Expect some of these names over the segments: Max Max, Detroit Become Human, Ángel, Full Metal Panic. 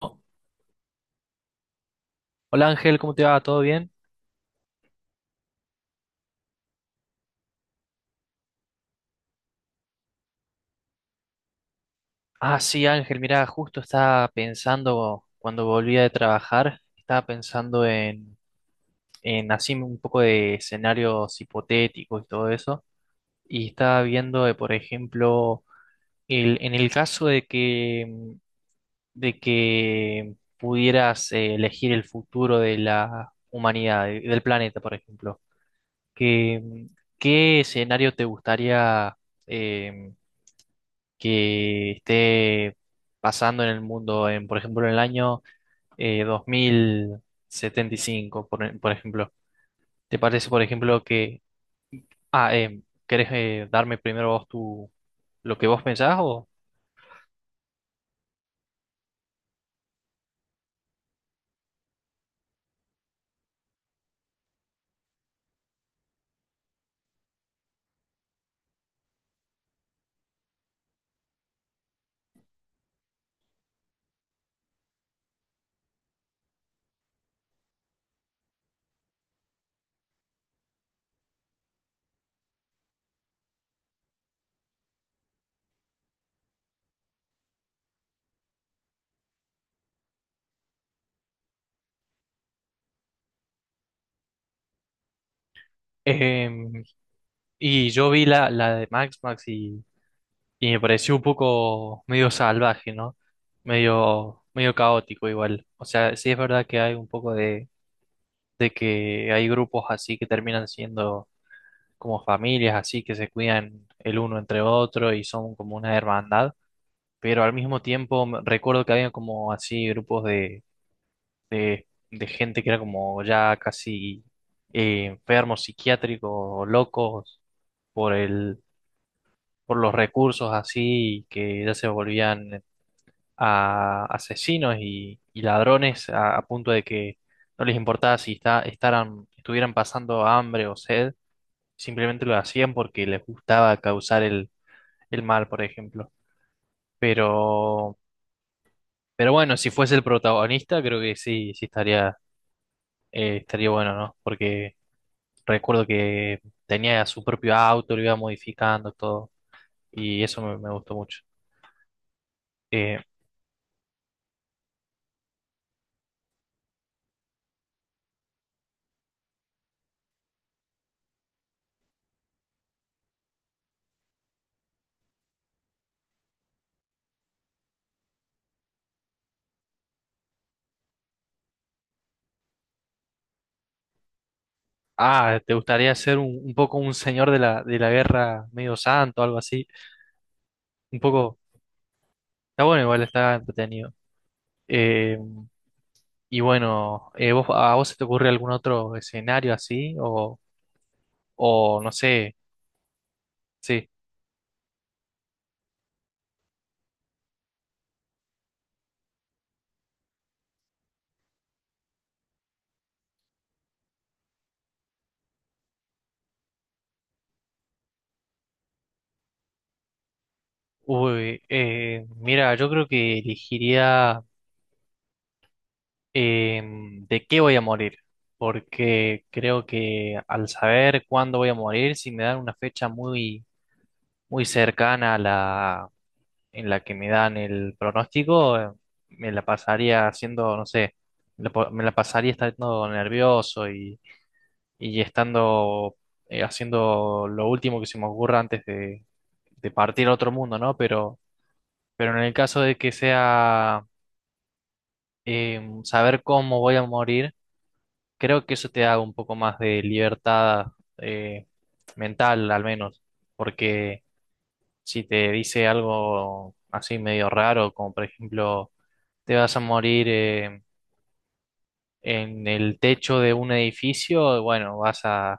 Hola Ángel, ¿cómo te va? ¿Todo bien? Ah, sí, Ángel, mira, justo estaba pensando cuando volvía de trabajar, estaba pensando en así un poco de escenarios hipotéticos y todo eso, y estaba viendo, por ejemplo, en el caso de que pudieras elegir el futuro de la humanidad, del planeta, por ejemplo, que, ¿qué escenario te gustaría? Eh, que esté pasando en el mundo en, por ejemplo, en el año 2075 por ejemplo. ¿Te parece, por ejemplo, que... Ah, ¿querés darme primero vos tu, lo que vos pensás o...? Em, y yo vi la de Max Max y me pareció un poco medio salvaje, ¿no? Medio caótico igual. O sea, sí es verdad que hay un poco de que hay grupos así que terminan siendo como familias así que se cuidan el uno entre otro y son como una hermandad, pero al mismo tiempo recuerdo que había como así grupos de, de gente que era como ya casi enfermos, psiquiátricos o locos por por los recursos así y que ya se volvían a asesinos y ladrones a punto de que no les importaba si estuvieran pasando hambre o sed, simplemente lo hacían porque les gustaba causar el mal, por ejemplo. Pero, pero bueno, si fuese el protagonista, creo que sí, sí estaría, estaría bueno, ¿no? Porque recuerdo que tenía su propio auto, lo iba modificando todo, y eso me gustó mucho. Eh, ah, ¿te gustaría ser un poco un señor de de la guerra medio santo, algo así? Un poco, está bueno, igual está entretenido. Eh, y bueno, ¿vos, a vos se te ocurre algún otro escenario así? O no sé. Sí, uy, mira, yo creo que elegiría de qué voy a morir, porque creo que al saber cuándo voy a morir, si me dan una fecha muy, muy cercana a la en la que me dan el pronóstico, me la pasaría haciendo, no sé, me la pasaría estando nervioso y estando haciendo lo último que se me ocurra antes de partir a otro mundo, ¿no? Pero en el caso de que sea saber cómo voy a morir, creo que eso te da un poco más de libertad eh, mental, al menos, porque si te dice algo así medio raro, como por ejemplo, te vas a morir en el techo de un edificio, bueno,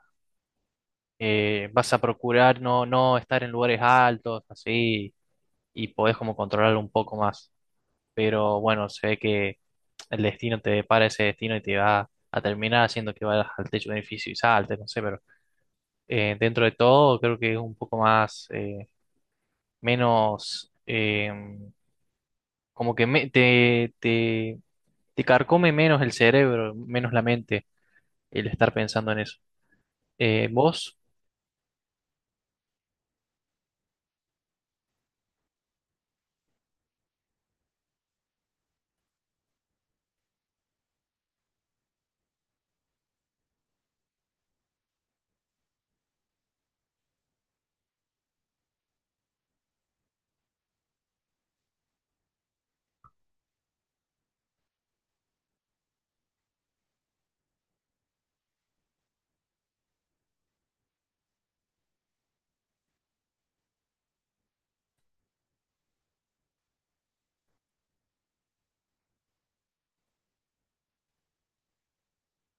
vas a procurar no, no estar en lugares altos, así, y podés como controlar un poco más. Pero bueno, se ve que el destino te depara ese destino y te va a terminar haciendo que vayas al techo de un edificio y saltes, no sé, pero dentro de todo creo que es un poco más, menos, como que te carcome menos el cerebro, menos la mente el estar pensando en eso. Vos,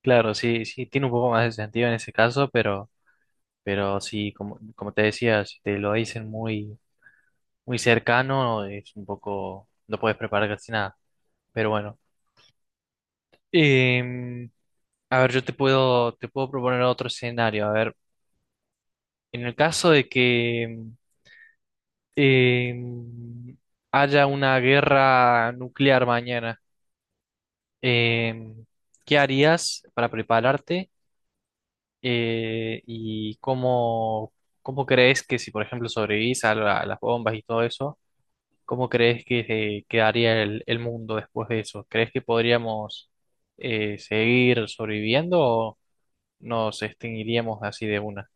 claro, sí, sí, tiene un poco más de sentido en ese caso, pero sí, como, como te decía, si te lo dicen muy muy cercano, es un poco, no puedes preparar casi nada, pero bueno. Em, a ver, yo te puedo proponer otro escenario. A ver, en el caso de que em, haya una guerra nuclear mañana, em, ¿qué harías para prepararte? ¿Y cómo, cómo crees que si, por ejemplo, sobrevivís a a las bombas y todo eso? ¿Cómo crees que se quedaría el mundo después de eso? ¿Crees que podríamos seguir sobreviviendo o nos extinguiríamos así de una?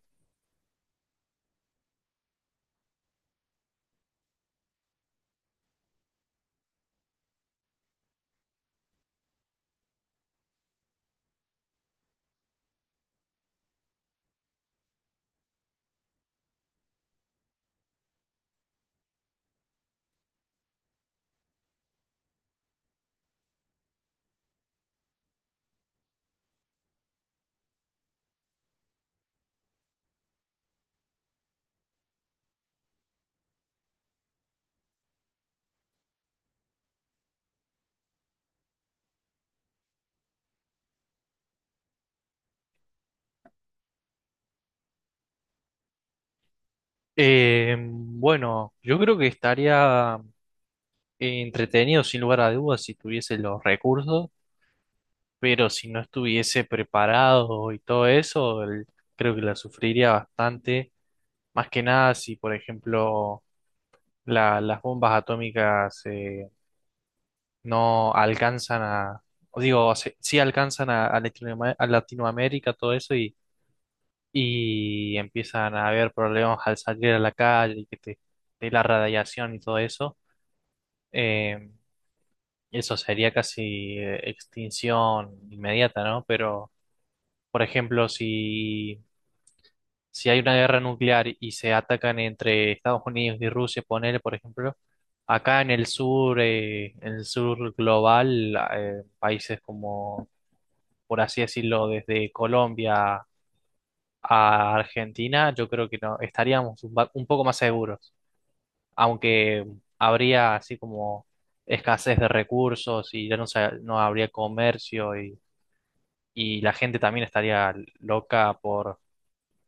Bueno, yo creo que estaría entretenido sin lugar a dudas si tuviese los recursos, pero si no estuviese preparado y todo eso, creo que la sufriría bastante. Más que nada si, por ejemplo, las bombas atómicas no alcanzan a, o digo, sí, sí alcanzan a a Latinoamérica, todo eso, y empiezan a haber problemas al salir a la calle, de la radiación y todo eso. Eh, eso sería casi extinción inmediata, ¿no? Pero, por ejemplo, si, si hay una guerra nuclear y se atacan entre Estados Unidos y Rusia, ponele, por ejemplo, acá en el sur global, países como por así decirlo, desde Colombia a Argentina, yo creo que no, estaríamos un poco más seguros, aunque habría así como escasez de recursos y ya no, no habría comercio y la gente también estaría loca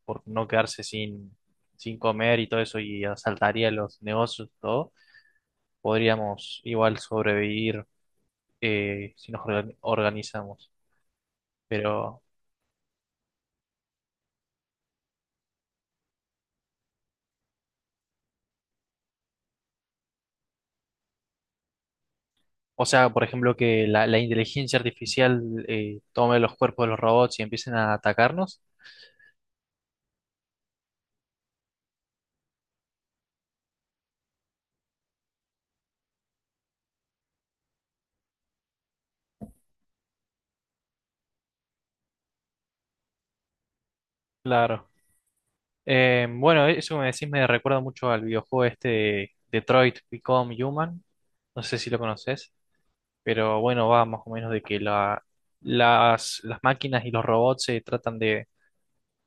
por no quedarse sin, sin comer y todo eso y asaltaría los negocios, todo, podríamos igual sobrevivir si nos organizamos, pero... O sea, por ejemplo, que la inteligencia artificial tome los cuerpos de los robots y empiecen a atacarnos. Claro. Bueno, eso que me decís me recuerda mucho al videojuego este de Detroit Become Human. No sé si lo conoces, pero bueno, va más o menos de que las máquinas y los robots se tratan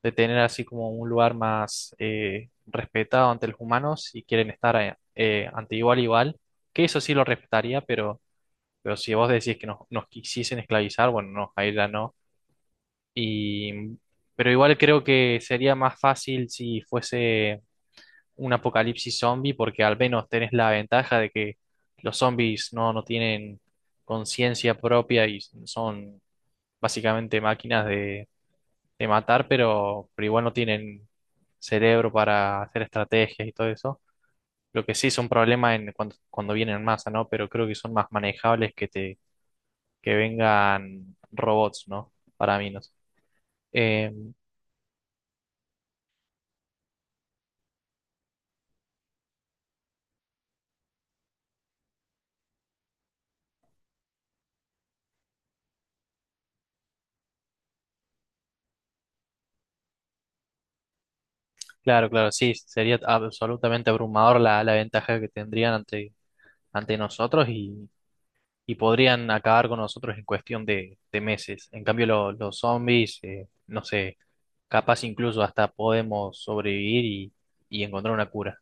de tener así como un lugar más respetado ante los humanos y quieren estar ante igual igual, que eso sí lo respetaría, pero pero si vos decís que nos, nos quisiesen esclavizar, bueno, no, ahí ya no. Y, pero igual creo que sería más fácil si fuese un apocalipsis zombie, porque al menos tenés la ventaja de que los zombies no, no tienen conciencia propia y son básicamente máquinas de matar, pero igual no tienen cerebro para hacer estrategias y todo eso. Lo que sí es un problema en cuando vienen en masa, ¿no? Pero creo que son más manejables que te que vengan robots, ¿no? Para minos. Eh, claro, claro, sí, sería absolutamente abrumador la ventaja que tendrían ante, ante nosotros y podrían acabar con nosotros en cuestión de meses. En cambio, los zombies, no sé, capaz incluso hasta podemos sobrevivir y encontrar una cura.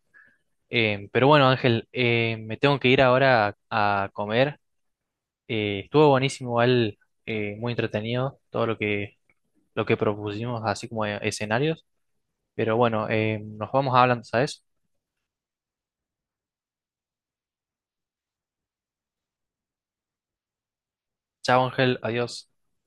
Pero bueno, Ángel, me tengo que ir ahora a comer. Estuvo buenísimo, igual, muy entretenido todo lo que propusimos, así como escenarios. Pero bueno, nos vamos hablando, ¿sabes? Chao, Ángel, adiós.